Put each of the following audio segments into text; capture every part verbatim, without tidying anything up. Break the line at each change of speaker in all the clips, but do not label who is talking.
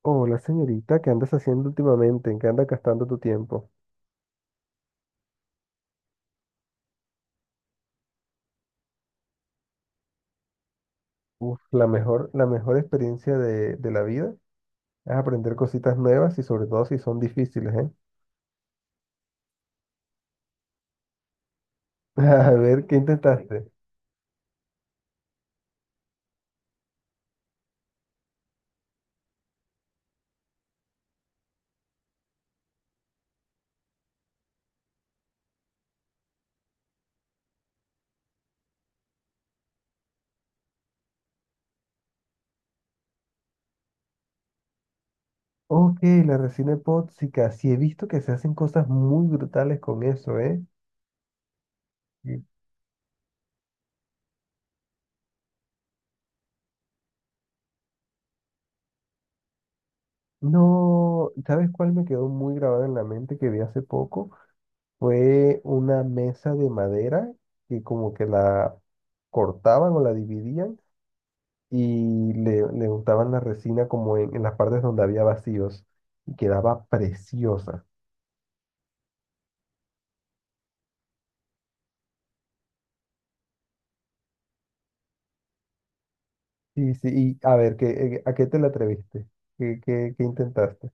Hola señorita, ¿qué andas haciendo últimamente? ¿En qué andas gastando tu tiempo? Uf, la mejor, la mejor experiencia de, de la vida es aprender cositas nuevas y sobre todo si son difíciles, ¿eh? A ver, ¿qué intentaste? Ok, la resina epóxica. Sí he visto que se hacen cosas muy brutales con eso, ¿eh? Sí. No, ¿sabes cuál me quedó muy grabado en la mente que vi hace poco? Fue una mesa de madera que como que la cortaban o la dividían y le, le untaban la resina como en, en las partes donde había vacíos y quedaba preciosa. Sí, sí, y a ver, ¿qué, eh, a qué te la atreviste? ¿Qué, qué, qué intentaste?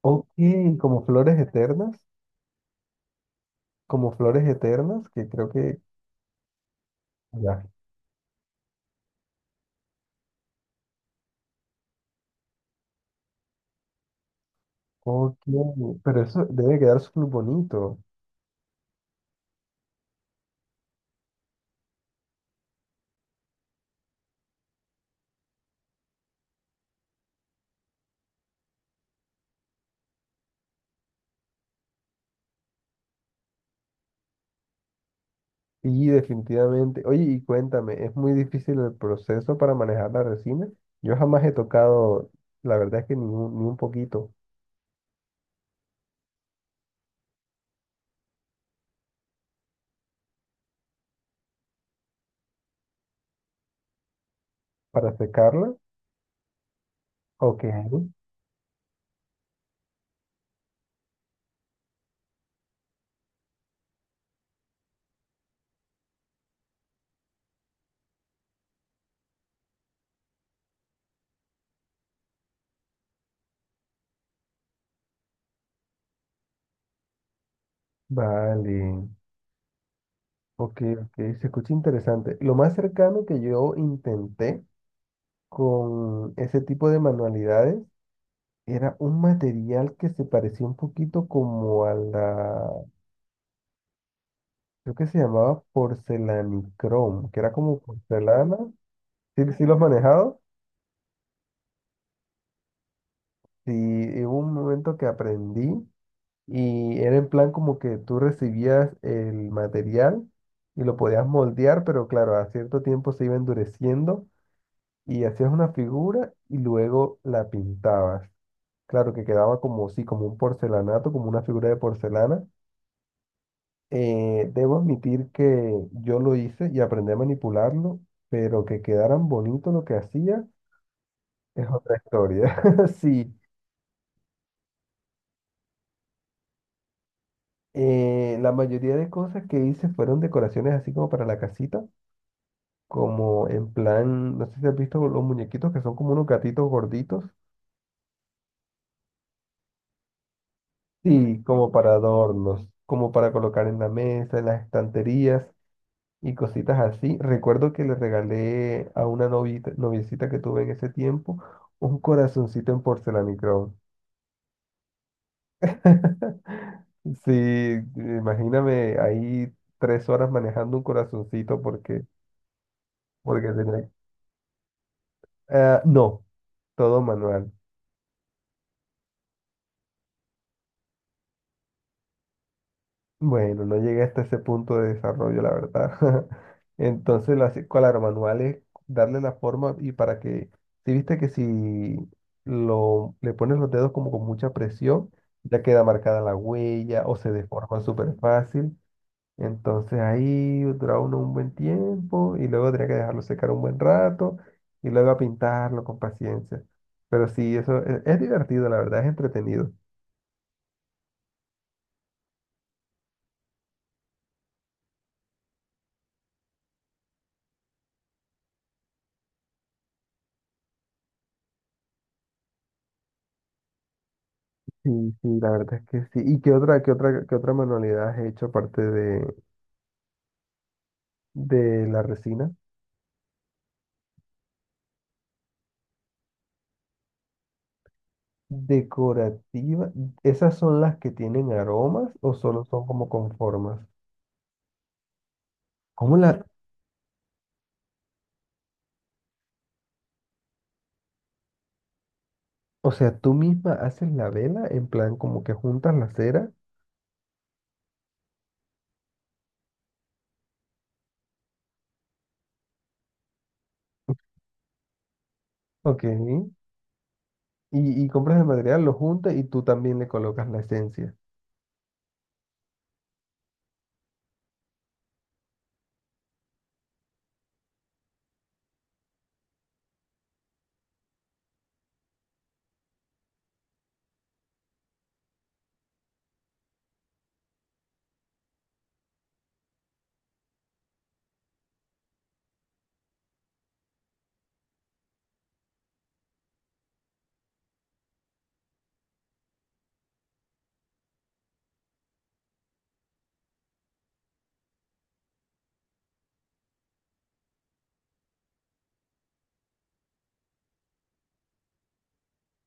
Ok, como flores eternas, como flores eternas, que creo que ya. Ok, pero eso debe quedar súper bonito. Y definitivamente, oye, y cuéntame, ¿es muy difícil el proceso para manejar la resina? Yo jamás he tocado, la verdad es que ni un, ni un poquito, para secarla. Ok, vale, ok, ok, se escucha interesante. Lo más cercano que yo intenté con ese tipo de manualidades era un material que se parecía un poquito como a la, creo que se llamaba porcelanicrón, que era como porcelana. Sí, sí lo has manejado. Sí, y hubo un momento que aprendí y era en plan como que tú recibías el material y lo podías moldear, pero claro, a cierto tiempo se iba endureciendo. Y hacías una figura y luego la pintabas. Claro que quedaba como, sí, como un porcelanato, como una figura de porcelana. Eh, debo admitir que yo lo hice y aprendí a manipularlo, pero que quedaran bonito lo que hacía es otra historia. Sí, eh, la mayoría de cosas que hice fueron decoraciones así como para la casita, como en plan, no sé si has visto los muñequitos que son como unos gatitos gorditos. Sí, como para adornos, como para colocar en la mesa, en las estanterías y cositas así. Recuerdo que le regalé a una novita- noviecita que tuve en ese tiempo un corazoncito en porcelanicrón. Sí, imagíname ahí tres horas manejando un corazoncito porque, porque tenía... Ah, no, todo manual. Bueno, no llegué hasta ese punto de desarrollo, la verdad. Entonces, lo hace- claro, manual es darle la forma y para que, si viste que si lo, le pones los dedos como con mucha presión, ya queda marcada la huella o se deforma súper fácil. Entonces ahí dura uno un buen tiempo y luego tendría que dejarlo secar un buen rato y luego a pintarlo con paciencia. Pero sí, eso es, es divertido, la verdad, es entretenido. Sí, sí, la verdad es que sí. ¿Y qué otra, qué otra, qué otra manualidad has hecho aparte de, de la resina? Decorativa. ¿Esas son las que tienen aromas o solo son como con formas? ¿Cómo la, o sea, tú misma haces la vela en plan como que juntas la cera? Ok. Y, y compras el material, lo juntas y tú también le colocas la esencia.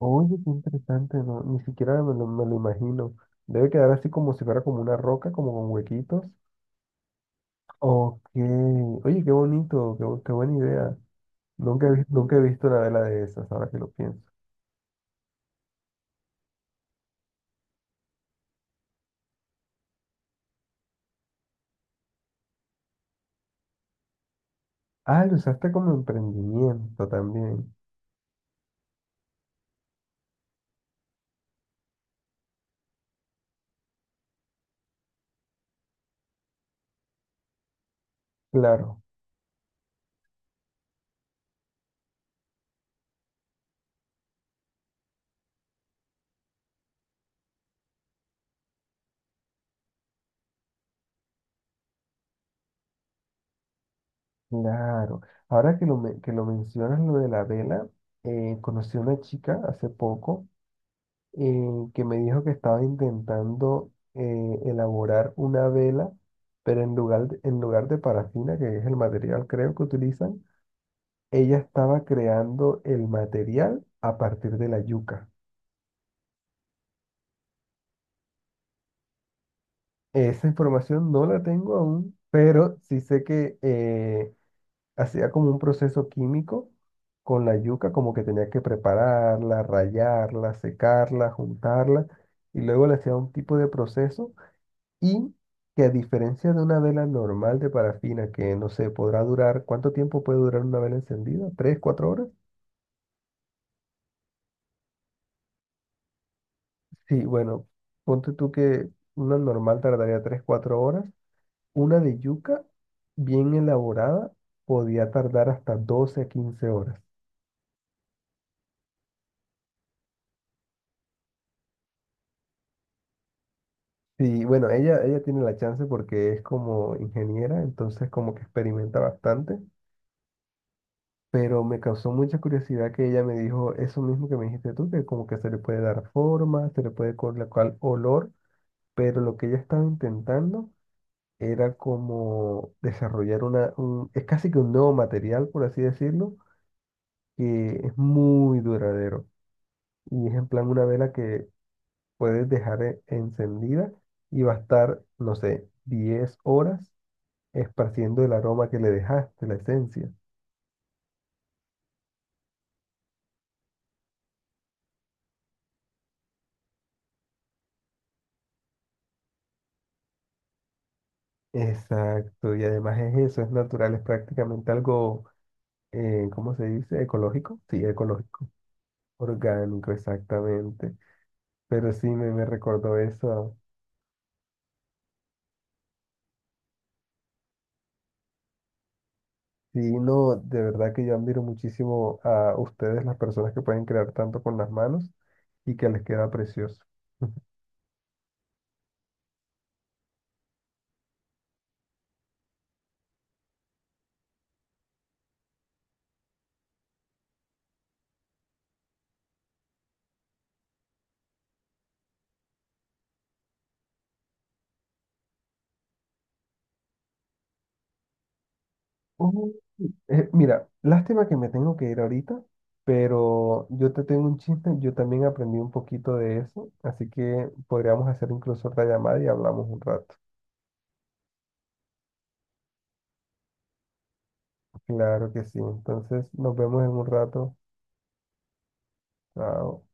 Oye, qué interesante, ¿no? Ni siquiera me lo, me lo imagino. Debe quedar así como si fuera como una roca, como con huequitos. Ok, oye, qué bonito, qué, bu- qué buena idea. Nunca he, vi- nunca he visto una vela de esas, ahora que lo pienso. Ah, lo usaste como emprendimiento también. Claro, claro. Ahora que lo, me- que lo mencionas, lo de la vela, eh, conocí a una chica hace poco eh, que me dijo que estaba intentando eh, elaborar una vela, pero en lugar, de- en lugar de parafina, que es el material creo que utilizan, ella estaba creando el material a partir de la yuca. Esa información no la tengo aún, pero sí sé que eh, hacía como un proceso químico con la yuca, como que tenía que prepararla, rallarla, secarla, juntarla, y luego le hacía un tipo de proceso y que a diferencia de una vela normal de parafina, que no sé, podrá durar, ¿cuánto tiempo puede durar una vela encendida? ¿Tres, cuatro horas? Sí, bueno, ponte tú que una normal tardaría tres, cuatro horas. Una de yuca bien elaborada podía tardar hasta doce a quince horas. Sí, bueno, ella, ella tiene la chance porque es como ingeniera, entonces como que experimenta bastante, pero me causó mucha curiosidad que ella me dijo eso mismo que me dijiste tú, que como que se le puede dar forma, se le puede colocar olor, pero lo que ella estaba intentando era como desarrollar una, un- es casi que un nuevo material, por así decirlo, que es muy duradero. Y es en plan una vela que puedes dejar e- encendida y va a estar, no sé, diez horas esparciendo el aroma que le dejaste, la esencia. Exacto, y además es eso, es natural, es prácticamente algo, eh, ¿cómo se dice? ¿Ecológico? Sí, ecológico, orgánico, exactamente. Pero sí, me, me recordó eso. Sí, no, de verdad que yo admiro muchísimo a ustedes, las personas que pueden crear tanto con las manos y que les queda precioso. Oh, eh, mira, lástima que me tengo que ir ahorita, pero yo te tengo un chiste, yo también aprendí un poquito de eso, así que podríamos hacer incluso otra llamada y hablamos un rato. Claro que sí, entonces nos vemos en un rato. Chao.